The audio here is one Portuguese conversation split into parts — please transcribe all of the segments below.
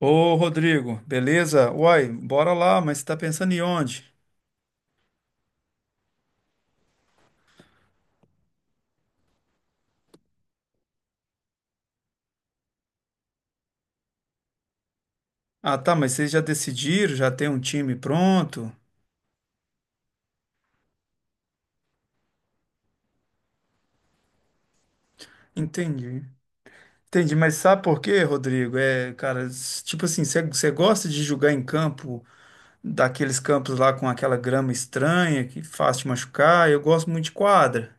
Ô, Rodrigo, beleza? Uai, bora lá, mas você tá pensando em onde? Ah, tá, mas vocês já decidiram, já tem um time pronto? Entendi. Entendi, mas sabe por quê, Rodrigo? É, cara, tipo assim, você gosta de jogar em campo, daqueles campos lá com aquela grama estranha, que faz te machucar? Eu gosto muito de quadra.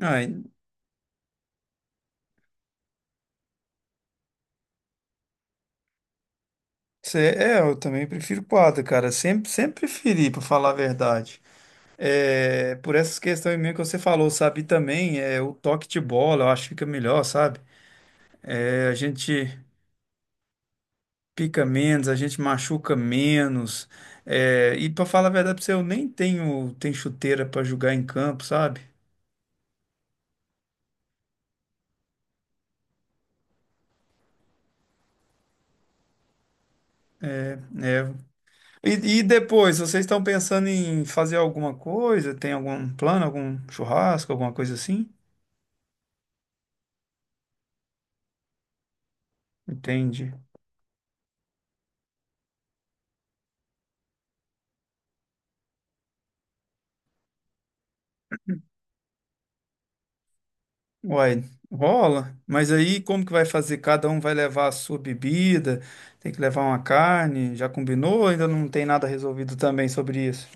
Ah, e- é, eu também prefiro quadra, cara. Sempre, sempre preferi, pra falar a verdade. É, por essas questões mesmo que você falou, sabe? E também o toque de bola, eu acho que fica melhor, sabe? É, a gente pica menos, a gente machuca menos. É, e pra falar a verdade pra você, eu nem tenho chuteira pra jogar em campo, sabe? É, e depois, vocês estão pensando em fazer alguma coisa? Tem algum plano, algum churrasco, alguma coisa assim? Entende? Uai, rola, mas aí como que vai fazer? Cada um vai levar a sua bebida, tem que levar uma carne, já combinou? Ainda não tem nada resolvido também sobre isso.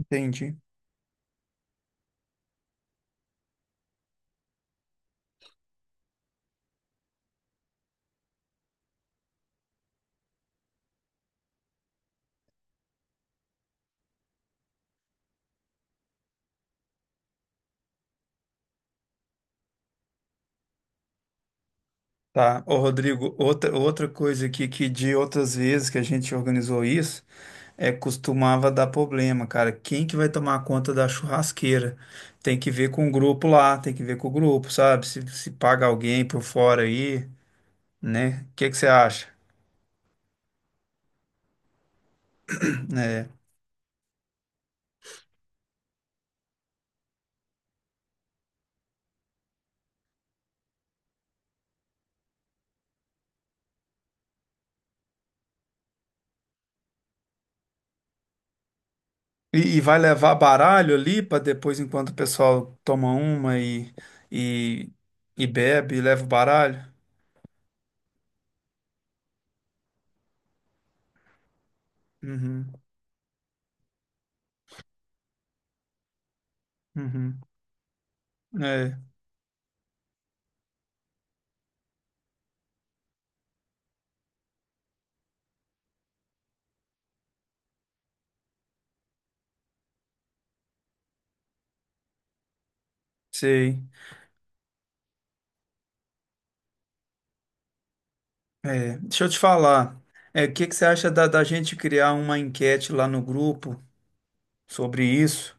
Entendi. Tá, ô Rodrigo, outra, outra coisa aqui que de outras vezes que a gente organizou isso, é costumava dar problema, cara. Quem que vai tomar conta da churrasqueira? Tem que ver com o grupo lá, tem que ver com o grupo, sabe? Se paga alguém por fora aí, né? O que que você acha? É. E vai levar baralho ali para depois, enquanto o pessoal toma e, e bebe, e leva o baralho? Uhum, uhum. É, sei. É, deixa eu te falar. É, o que que você acha da gente criar uma enquete lá no grupo sobre isso?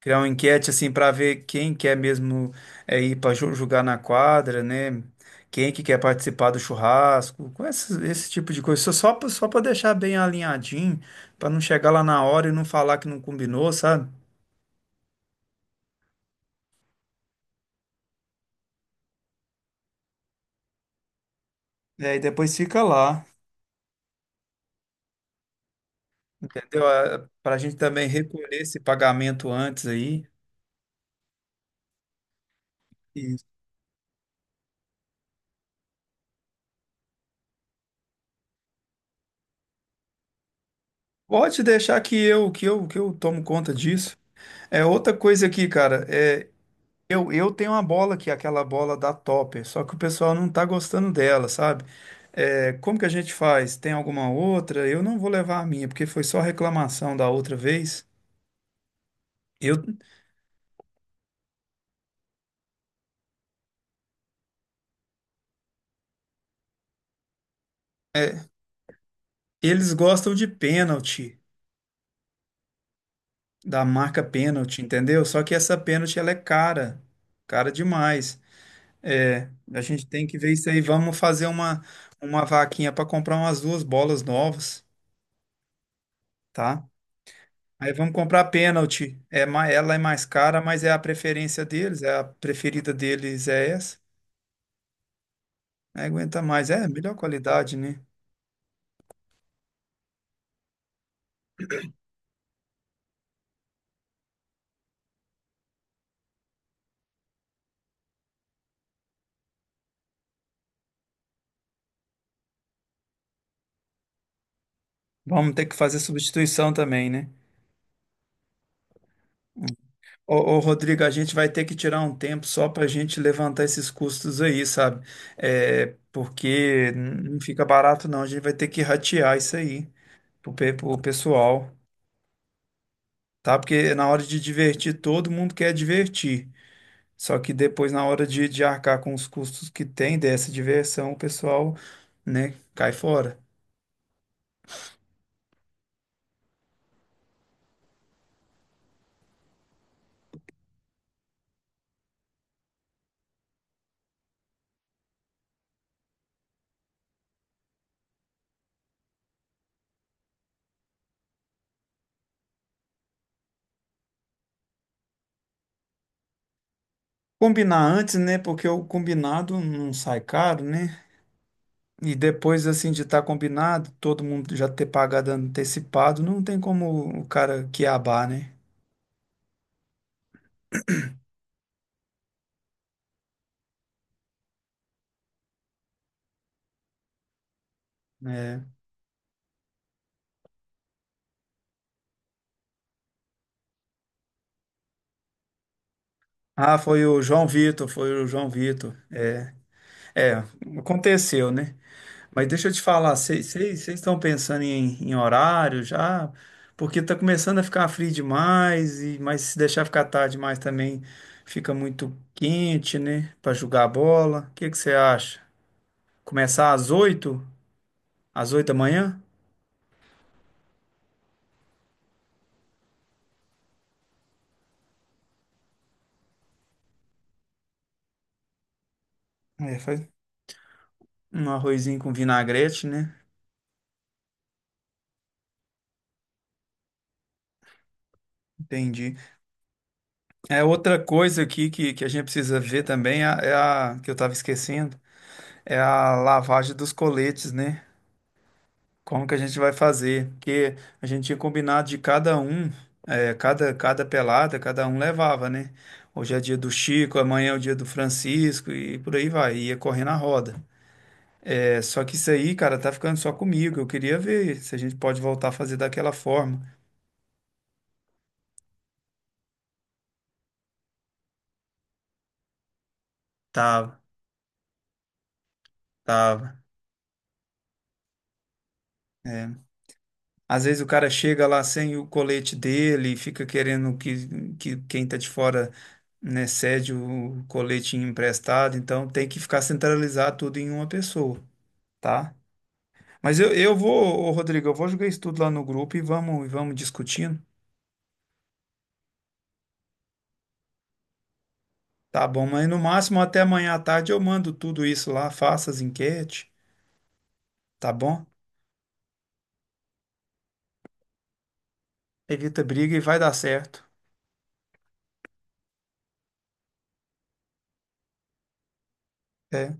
Criar uma enquete assim para ver quem quer mesmo ir para jogar na quadra, né? Quem é que quer participar do churrasco, com esse tipo de coisa. Só para deixar bem alinhadinho, para não chegar lá na hora e não falar que não combinou, sabe? E aí depois fica lá, entendeu? Para a gente também recolher esse pagamento antes aí. E pode deixar que eu tomo conta disso. É outra coisa aqui, cara. É, eu tenho uma bola que é aquela bola da Topper, só que o pessoal não tá gostando dela, sabe? É, como que a gente faz? Tem alguma outra? Eu não vou levar a minha, porque foi só reclamação da outra vez. Eu, é, eles gostam de pênalti, da marca pênalti, entendeu? Só que essa pênalti ela é cara, cara demais. É, a gente tem que ver isso aí. Uma vaquinha para comprar umas duas bolas novas, tá? Aí vamos comprar pênalti. Ela é mais cara, mas é a preferência deles, é a preferida deles é essa. Aí aguenta mais, é melhor qualidade, né? Vamos ter que fazer substituição também, né? Ô, Rodrigo, a gente vai ter que tirar um tempo só para a gente levantar esses custos aí, sabe? É, porque não fica barato, não. A gente vai ter que ratear isso aí pro pessoal, tá? Porque na hora de divertir, todo mundo quer divertir. Só que depois, na hora de arcar com os custos que tem dessa diversão, o pessoal, né, cai fora. Combinar antes, né, porque o combinado não sai caro, né? E depois, assim, de estar combinado, todo mundo já ter pagado antecipado, não tem como o cara quiabar, né? É. Ah, foi o João Vitor, foi o João Vitor. É, é, aconteceu, né? Mas deixa eu te falar, vocês estão pensando em, em horário já? Porque tá começando a ficar frio demais, e, mas se deixar ficar tarde demais também fica muito quente, né? Para jogar a bola. O que que você acha? Começar às 8. Às 8 da manhã? É, faz um arrozinho com vinagrete, né? Entendi. É outra coisa aqui que a gente precisa ver também, que eu tava esquecendo, é a lavagem dos coletes, né? Como que a gente vai fazer? Porque a gente tinha combinado de cada um, cada pelada, cada um levava, né? Hoje é dia do Chico, amanhã é o dia do Francisco e por aí vai, ia correndo a roda. É, só que isso aí, cara, tá ficando só comigo. Eu queria ver se a gente pode voltar a fazer daquela forma. Tava, tava. Às vezes o cara chega lá sem o colete dele e fica querendo que quem tá de fora, né, cede o colete emprestado, então tem que ficar centralizado tudo em uma pessoa, tá? Eu vou, ô, Rodrigo, eu vou jogar isso tudo lá no grupo e e vamos discutindo, tá bom? Mas no máximo até amanhã à tarde eu mando tudo isso lá, faça as enquetes, tá bom? Evita briga e vai dar certo, é?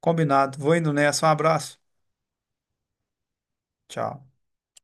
Combinado. Vou indo nessa, um abraço. Tchau.